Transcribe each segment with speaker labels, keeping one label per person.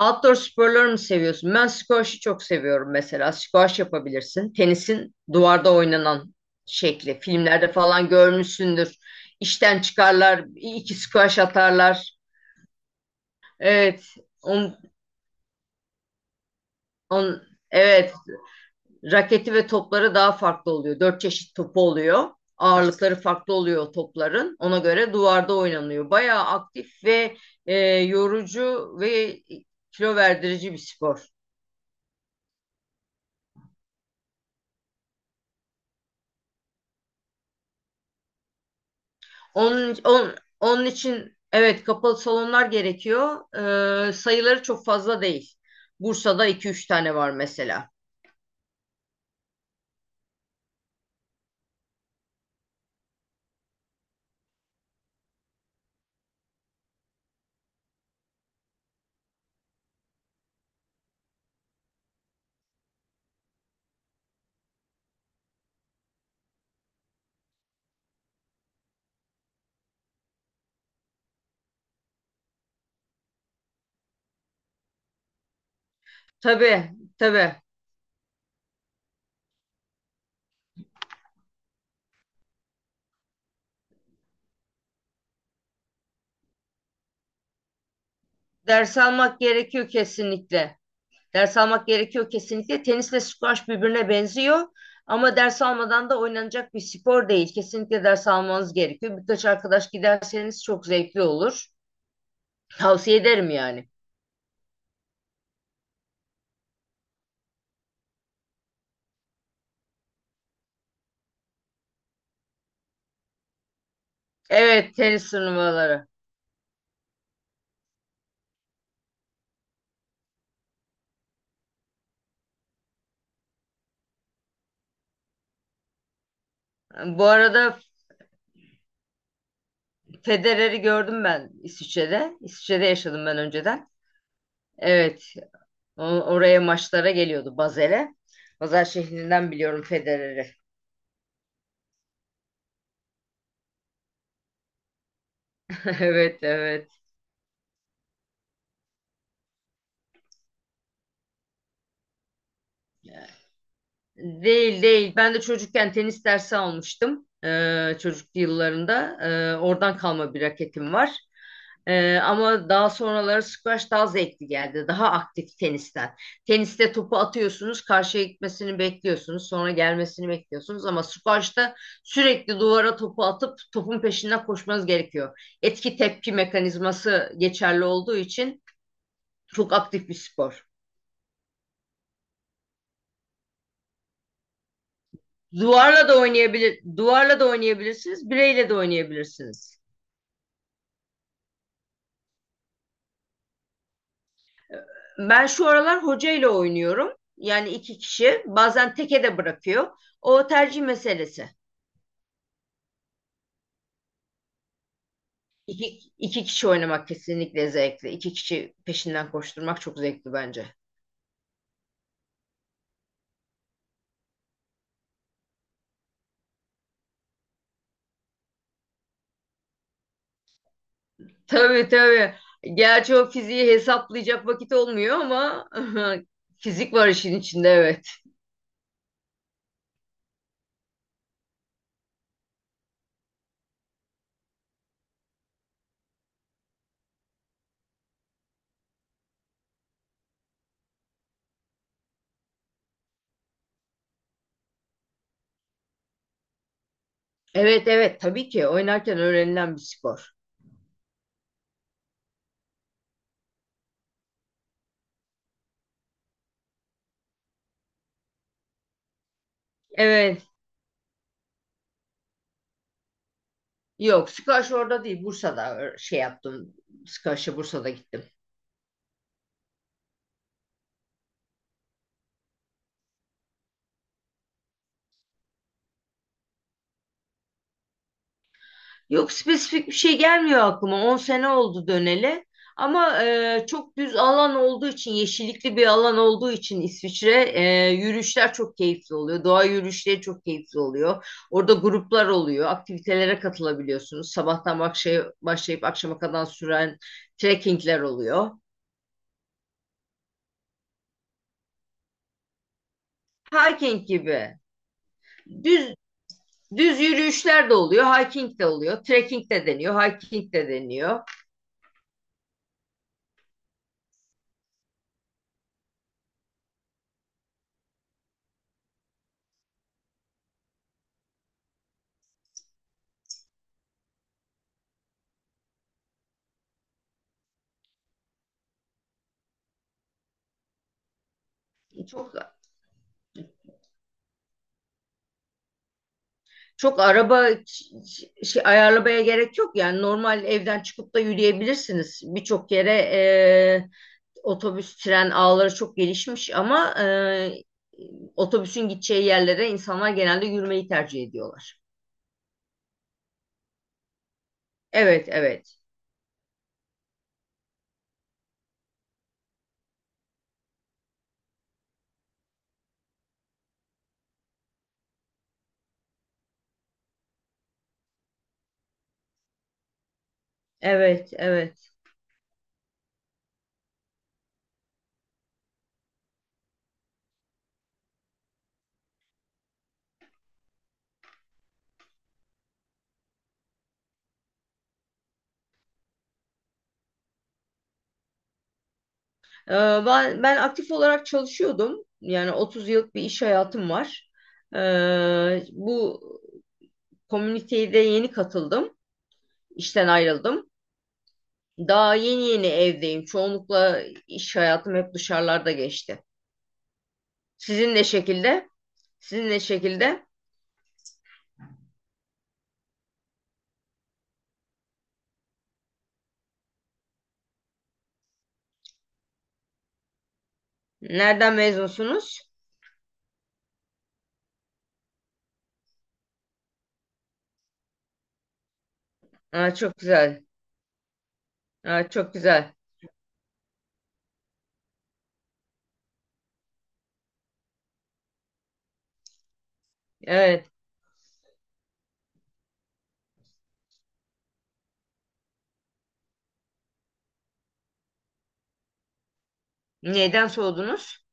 Speaker 1: Outdoor sporları mı seviyorsun? Ben squash'ı çok seviyorum mesela. Squash yapabilirsin. Tenisin duvarda oynanan şekli. Filmlerde falan görmüşsündür. İşten çıkarlar, iki squash atarlar. Evet. On, on, evet. Raketi ve topları daha farklı oluyor. Dört çeşit topu oluyor. Ağırlıkları farklı oluyor o topların. Ona göre duvarda oynanıyor. Bayağı aktif ve yorucu ve kilo verdirici bir spor. Onun için evet kapalı salonlar gerekiyor. Sayıları çok fazla değil. Bursa'da iki üç tane var mesela. Tabii tabii. Ders almak gerekiyor kesinlikle. Ders almak gerekiyor kesinlikle. Tenisle squash birbirine benziyor. Ama ders almadan da oynanacak bir spor değil. Kesinlikle ders almanız gerekiyor. Birkaç arkadaş giderseniz çok zevkli olur. Tavsiye ederim yani. Evet, tenis turnuvaları. Bu arada Federer'i gördüm ben İsviçre'de. İsviçre'de yaşadım ben önceden. Evet, o- oraya maçlara geliyordu Basel'e. Basel şehrinden biliyorum Federer'i. Evet, evet. Değil değil. Ben de çocukken tenis dersi almıştım. Çocukluk yıllarında. Oradan kalma bir raketim var. Ama daha sonraları squash daha zevkli geldi. Daha aktif tenisten. Teniste topu atıyorsunuz, karşıya gitmesini bekliyorsunuz, sonra gelmesini bekliyorsunuz. Ama squash'ta sürekli duvara topu atıp topun peşinden koşmanız gerekiyor. Etki tepki mekanizması geçerli olduğu için çok aktif bir spor. Duvarla da oynayabilirsiniz, bireyle de oynayabilirsiniz. Ben şu aralar hocayla oynuyorum. Yani iki kişi. Bazen teke de bırakıyor. O tercih meselesi. İki kişi oynamak kesinlikle zevkli. İki kişi peşinden koşturmak çok zevkli bence. Tabii tabii. Gerçi o fiziği hesaplayacak vakit olmuyor ama fizik var işin içinde, evet. Evet evet, tabii ki oynarken öğrenilen bir spor. Evet. Yok, Sikaş orada değil, Bursa'da şey yaptım. Sikaş'a Bursa'da gittim. Yok, spesifik bir şey gelmiyor aklıma. 10 sene oldu döneli. Ama çok düz alan olduğu için, yeşillikli bir alan olduğu için İsviçre yürüyüşler çok keyifli oluyor. Doğa yürüyüşleri çok keyifli oluyor. Orada gruplar oluyor. Aktivitelere katılabiliyorsunuz. Sabahtan akşaya başlayıp akşama kadar süren trekkingler oluyor. Hiking gibi. Düz Düz yürüyüşler de oluyor, hiking de oluyor, trekking de deniyor, hiking de deniyor. Çok çok araba şey, ayarlamaya gerek yok, yani normal evden çıkıp da yürüyebilirsiniz. Birçok yere otobüs, tren ağları çok gelişmiş ama otobüsün gideceği yerlere insanlar genelde yürümeyi tercih ediyorlar. Evet, evet. Evet, evet. Ee, ben aktif olarak çalışıyordum. Yani 30 yıllık bir iş hayatım var. Bu komüniteye de yeni katıldım. İşten ayrıldım. Daha yeni yeni evdeyim. Çoğunlukla iş hayatım hep dışarılarda geçti. Sizin ne şekilde? Sizin ne şekilde? Nereden mezunsunuz? Aa, çok güzel. Aa, çok güzel. Evet. Neyden soğudunuz?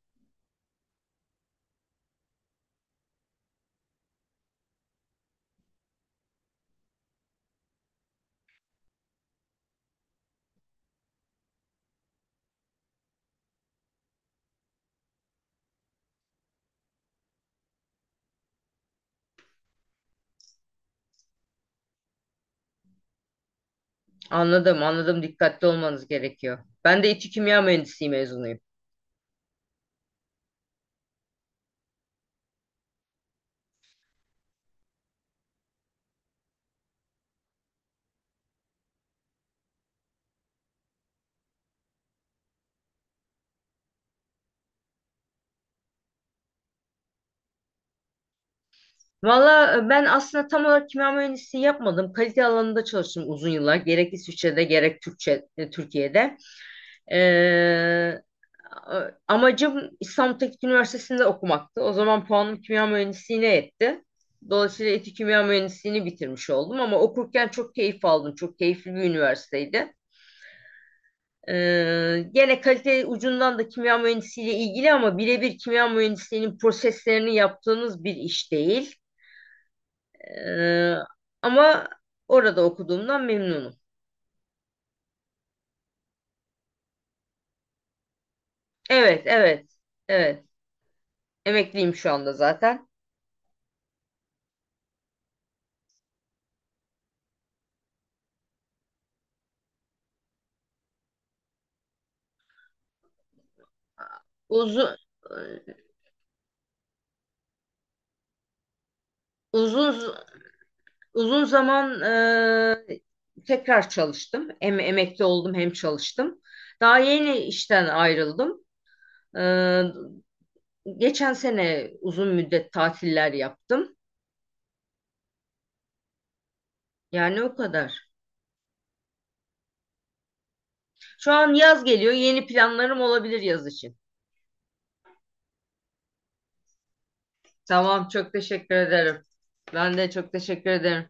Speaker 1: Anladım, anladım. Dikkatli olmanız gerekiyor. Ben de İTÜ Kimya Mühendisliği mezunuyum. Valla ben aslında tam olarak kimya mühendisliği yapmadım. Kalite alanında çalıştım uzun yıllar. Gerek İsviçre'de gerek Türkiye'de. Ee, Amacım İstanbul Teknik Üniversitesi'nde okumaktı. O zaman puanım kimya mühendisliğine yetti. Dolayısıyla etik kimya mühendisliğini bitirmiş oldum ama okurken çok keyif aldım. Çok keyifli bir üniversiteydi. Gene kalite ucundan da kimya mühendisliğiyle ilgili ama birebir kimya mühendisliğinin proseslerini yaptığınız bir iş değil. Ee, ama orada okuduğumdan memnunum. Evet, evet, evet. Emekliyim şu anda zaten. Uzun, uzun Uzun zaman tekrar çalıştım. Hem emekli oldum hem çalıştım. Daha yeni işten ayrıldım. Eee, Geçen sene uzun müddet tatiller yaptım. Yani o kadar. Şu an yaz geliyor. Yeni planlarım olabilir yaz için. Tamam, çok teşekkür ederim. Ben de çok teşekkür ederim.